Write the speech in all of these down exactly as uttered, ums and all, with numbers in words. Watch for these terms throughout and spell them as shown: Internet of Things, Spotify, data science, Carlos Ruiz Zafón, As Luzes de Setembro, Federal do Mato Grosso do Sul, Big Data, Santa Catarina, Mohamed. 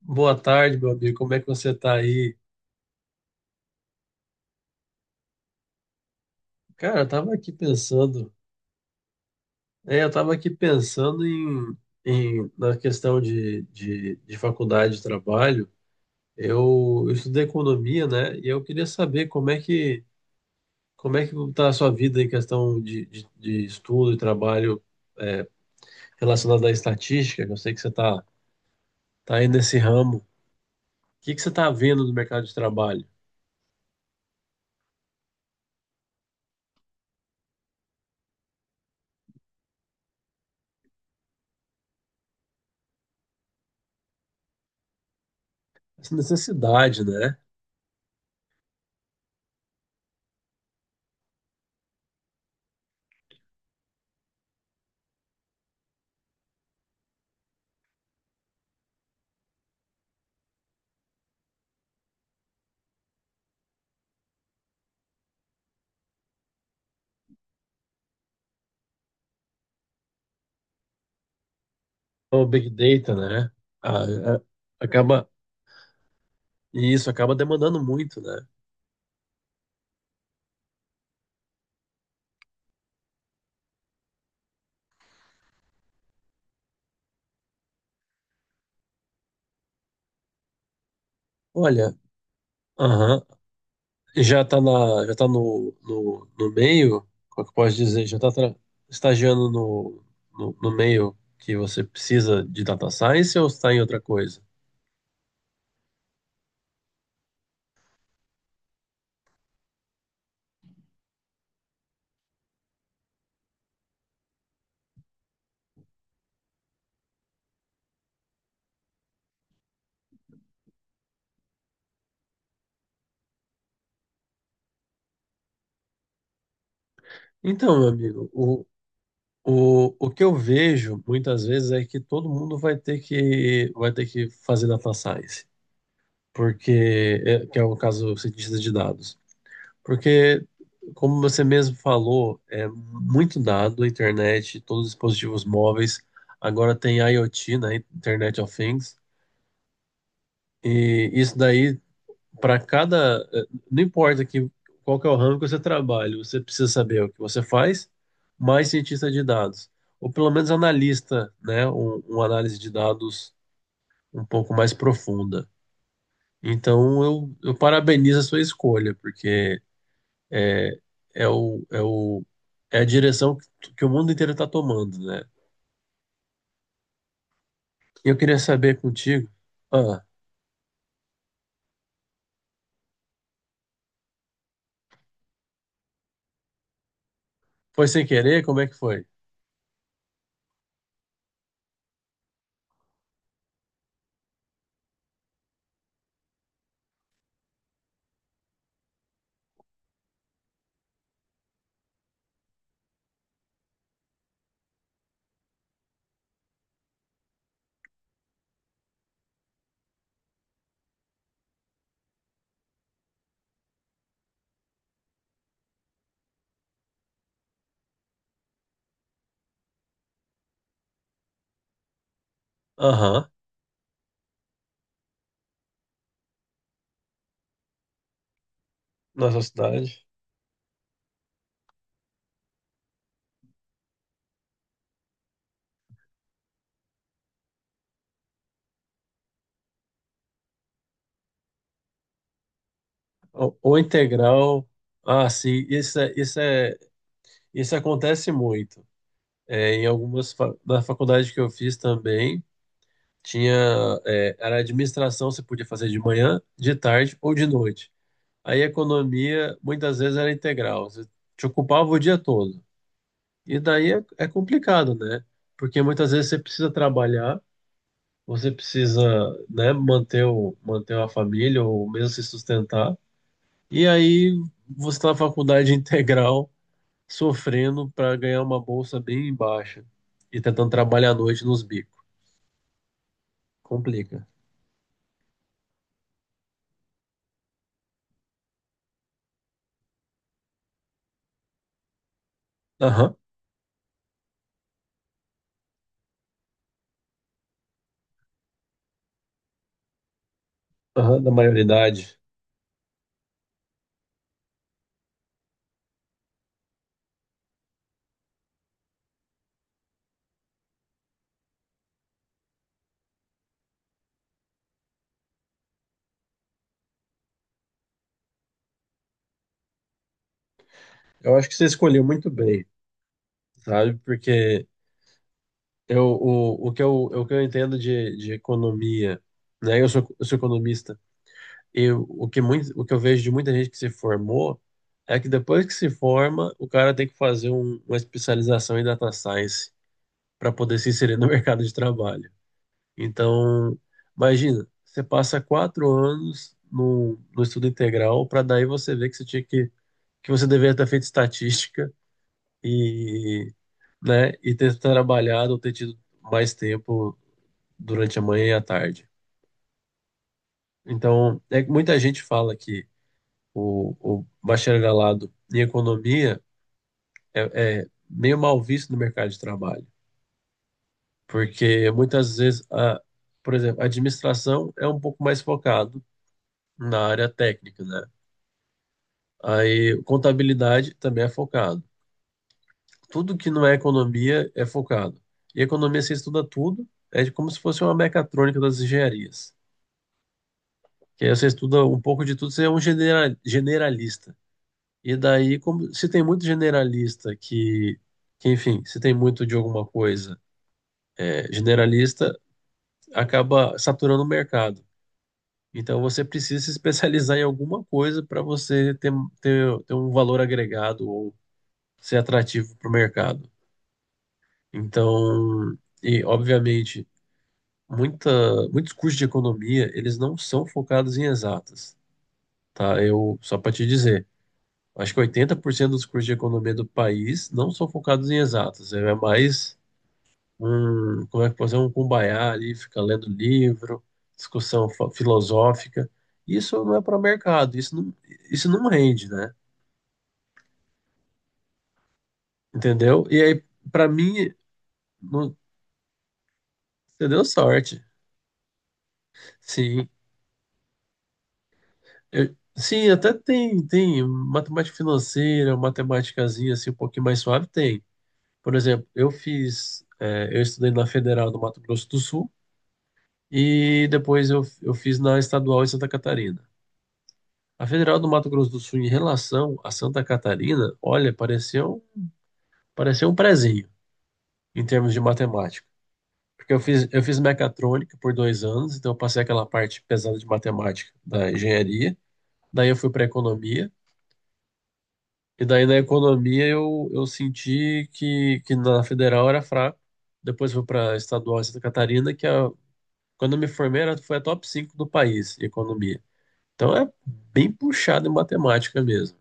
Boa tarde, meu amigo. Como é que você tá aí? Cara, eu tava aqui pensando. É, eu tava aqui pensando em, em na questão de, de, de faculdade de trabalho. Eu, eu estudei economia, né? E eu queria saber como é que como é que tá a sua vida em questão de, de, de estudo e trabalho, é, relacionado à estatística, que eu sei que você tá, tá aí nesse ramo. O que que você tá vendo no mercado de trabalho? Essa necessidade, né? O Big Data, né? A- a- Acaba. E isso acaba demandando muito, né? Olha, aham, já tá na, já tá no, no, no meio, como é que eu posso dizer? Já tá tra- estagiando no, no, no meio que você precisa de data science ou está em outra coisa? Então, meu amigo, o, o, o que eu vejo muitas vezes é que todo mundo vai ter que, vai ter que fazer data science, porque é, que é o caso do cientista de dados. Porque, como você mesmo falou, é muito dado, a internet, todos os dispositivos móveis, agora tem IoT, né, Internet of Things, e isso daí, para cada, eh, não importa que, qual que é o ramo que você trabalha, você precisa saber o que você faz, mais cientista de dados, ou pelo menos analista, né, um, uma análise de dados um pouco mais profunda. Então, eu, eu parabenizo a sua escolha, porque é o, é o, é a direção que, que o mundo inteiro está tomando, né? E eu queria saber contigo, ah, foi sem querer? Como é que foi? Aham, na sua cidade. O, o integral, ah, sim, isso é, isso é, isso acontece muito. É, em algumas, fa- na faculdade que eu fiz também, tinha, é, era administração, você podia fazer de manhã, de tarde ou de noite. Aí economia, muitas vezes era integral, você te ocupava o dia todo. E daí é, é complicado, né? Porque muitas vezes você precisa trabalhar, você precisa, né, manter o, manter a família ou mesmo se sustentar. E aí você está na faculdade integral, sofrendo para ganhar uma bolsa bem baixa e tentando trabalhar à noite nos bicos. Complica. Aham, aham, da maioridade. Eu acho que você escolheu muito bem, sabe? Porque eu, o, o que eu, o que eu entendo de, de economia, né? Eu sou, eu sou economista. Eu, o que muito, O que eu vejo de muita gente que se formou é que depois que se forma, o cara tem que fazer um- uma especialização em data science para poder se inserir no mercado de trabalho. Então, imagina, você passa quatro anos no, no estudo integral para daí você ver que você tinha que, que você deveria ter feito estatística, e, né, e ter trabalhado ou ter tido mais tempo durante a manhã e a tarde. Então, é que muita gente fala que o, o bacharelado em economia é, é meio mal visto no mercado de trabalho, porque muitas vezes, a, por exemplo, a administração é um pouco mais focado na área técnica, né? Aí contabilidade também é focado. Tudo que não é economia é focado. E economia você estuda tudo, é como se fosse uma mecatrônica das engenharias. Que aí você estuda um pouco de tudo, você é um genera- generalista. E daí, como se tem muito generalista que, que enfim, se tem muito de alguma coisa, é, generalista, acaba saturando o mercado. Então, você precisa se especializar em alguma coisa para você ter, ter, ter um valor agregado ou ser atrativo para o mercado. Então, e obviamente, muita, muitos cursos de economia, eles não são focados em exatas, tá? Eu, só para te dizer. Acho que oitenta por cento dos cursos de economia do país não são focados em exatas. É mais um, como é que pode ser, um cumbaiá ali, fica lendo livro, discussão fa- filosófica. Isso não é para o mercado, isso não, isso não rende, né? Entendeu? E aí, para mim, não- você deu sorte. Sim, eu- sim, até tem, tem, matemática financeira, matemáticazinha assim, um pouquinho mais suave, tem. Por exemplo, eu fiz, eh, eu estudei na Federal do Mato Grosso do Sul. E depois eu, eu fiz na estadual em Santa Catarina. A Federal do Mato Grosso do Sul, em relação a Santa Catarina, olha, pareceu, pareceu um prezinho em termos de matemática. Porque eu fiz, eu fiz mecatrônica por dois anos, então eu passei aquela parte pesada de matemática da engenharia. Daí eu fui para economia. E daí na economia eu, eu senti que, que na Federal era fraco. Depois fui para estadual em Santa Catarina, que a, quando eu me formei era, foi a top cinco do país, em economia. Então é bem puxado em matemática mesmo.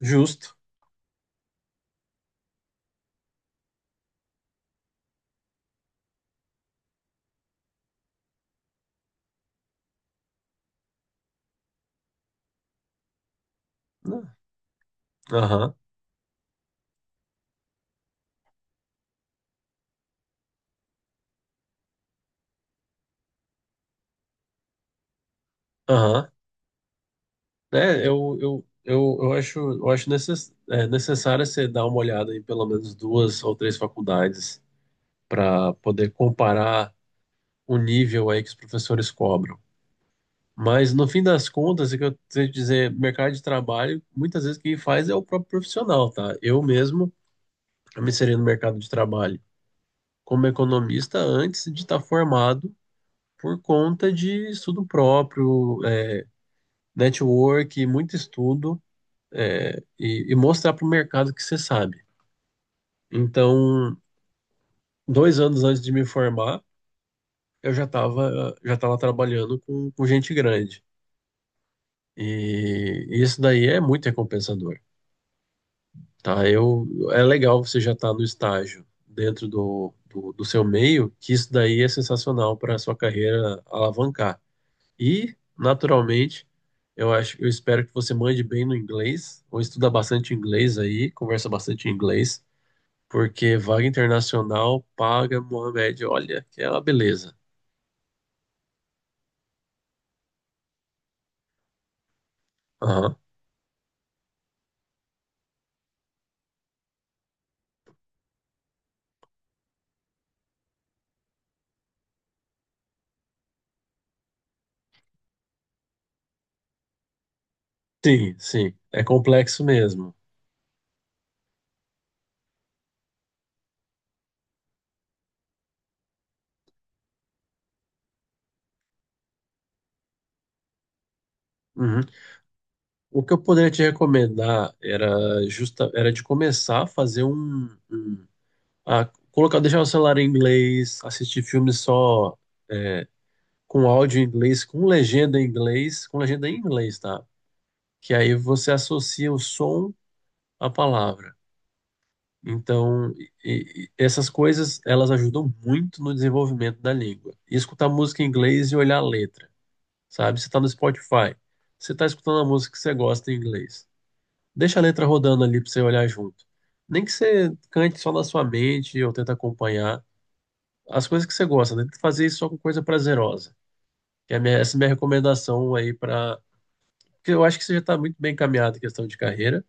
Justo, né? Aham, aham. É, eu, eu, eu, eu acho, eu acho necess, é, necessário você dar uma olhada em pelo menos duas ou três faculdades para poder comparar o nível aí que os professores cobram. Mas no fim das contas, é que eu tenho que dizer, mercado de trabalho, muitas vezes quem faz é o próprio profissional, tá? Eu mesmo, eu me inseri no mercado de trabalho como economista antes de estar formado por conta de estudo próprio, é, network, muito estudo, é, e, e mostrar para o mercado que você sabe. Então, dois anos antes de me formar, eu já estava já estava trabalhando com, com gente grande. E isso daí é muito recompensador, tá? Eu, é legal você já estar no estágio dentro do, do, do seu meio, que isso daí é sensacional para a sua carreira alavancar. E, naturalmente, eu acho, eu espero que você mande bem no inglês, ou estuda bastante inglês aí, conversa bastante inglês, porque vaga internacional paga, Mohamed, olha, que é uma beleza. Aham. Sim, sim, é complexo mesmo. Uhum. O que eu poderia te recomendar era justa, era de começar a fazer um, um- a colocar, deixar o celular em inglês, assistir filmes só com áudio em inglês, com legenda em inglês, com legenda em inglês, tá? Que aí você associa o som à palavra. Então, e- e essas coisas, elas ajudam muito no desenvolvimento da língua. E escutar música em inglês e olhar a letra, sabe? Você está no Spotify, você está escutando a música que você gosta em inglês. Deixa a letra rodando ali para você olhar junto. Nem que você cante só na sua mente ou tenta acompanhar as coisas que você gosta, né? Tenta fazer isso só com coisa prazerosa. Que é a minha- essa é a minha recomendação aí para... Porque eu acho que você já está muito bem encaminhado em questão de carreira.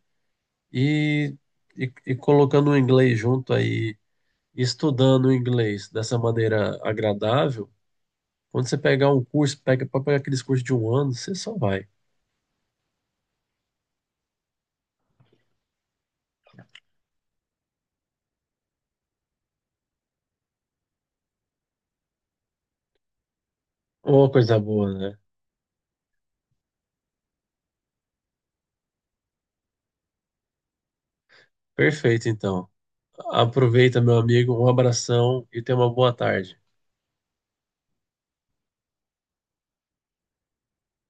E, e, e colocando o inglês junto aí, estudando o inglês dessa maneira agradável, quando você pegar um curso, pega para pegar aqueles cursos de um ano, você só vai. Uma coisa boa, né? Perfeito, então. Aproveita, meu amigo. Um abração e tenha uma boa tarde.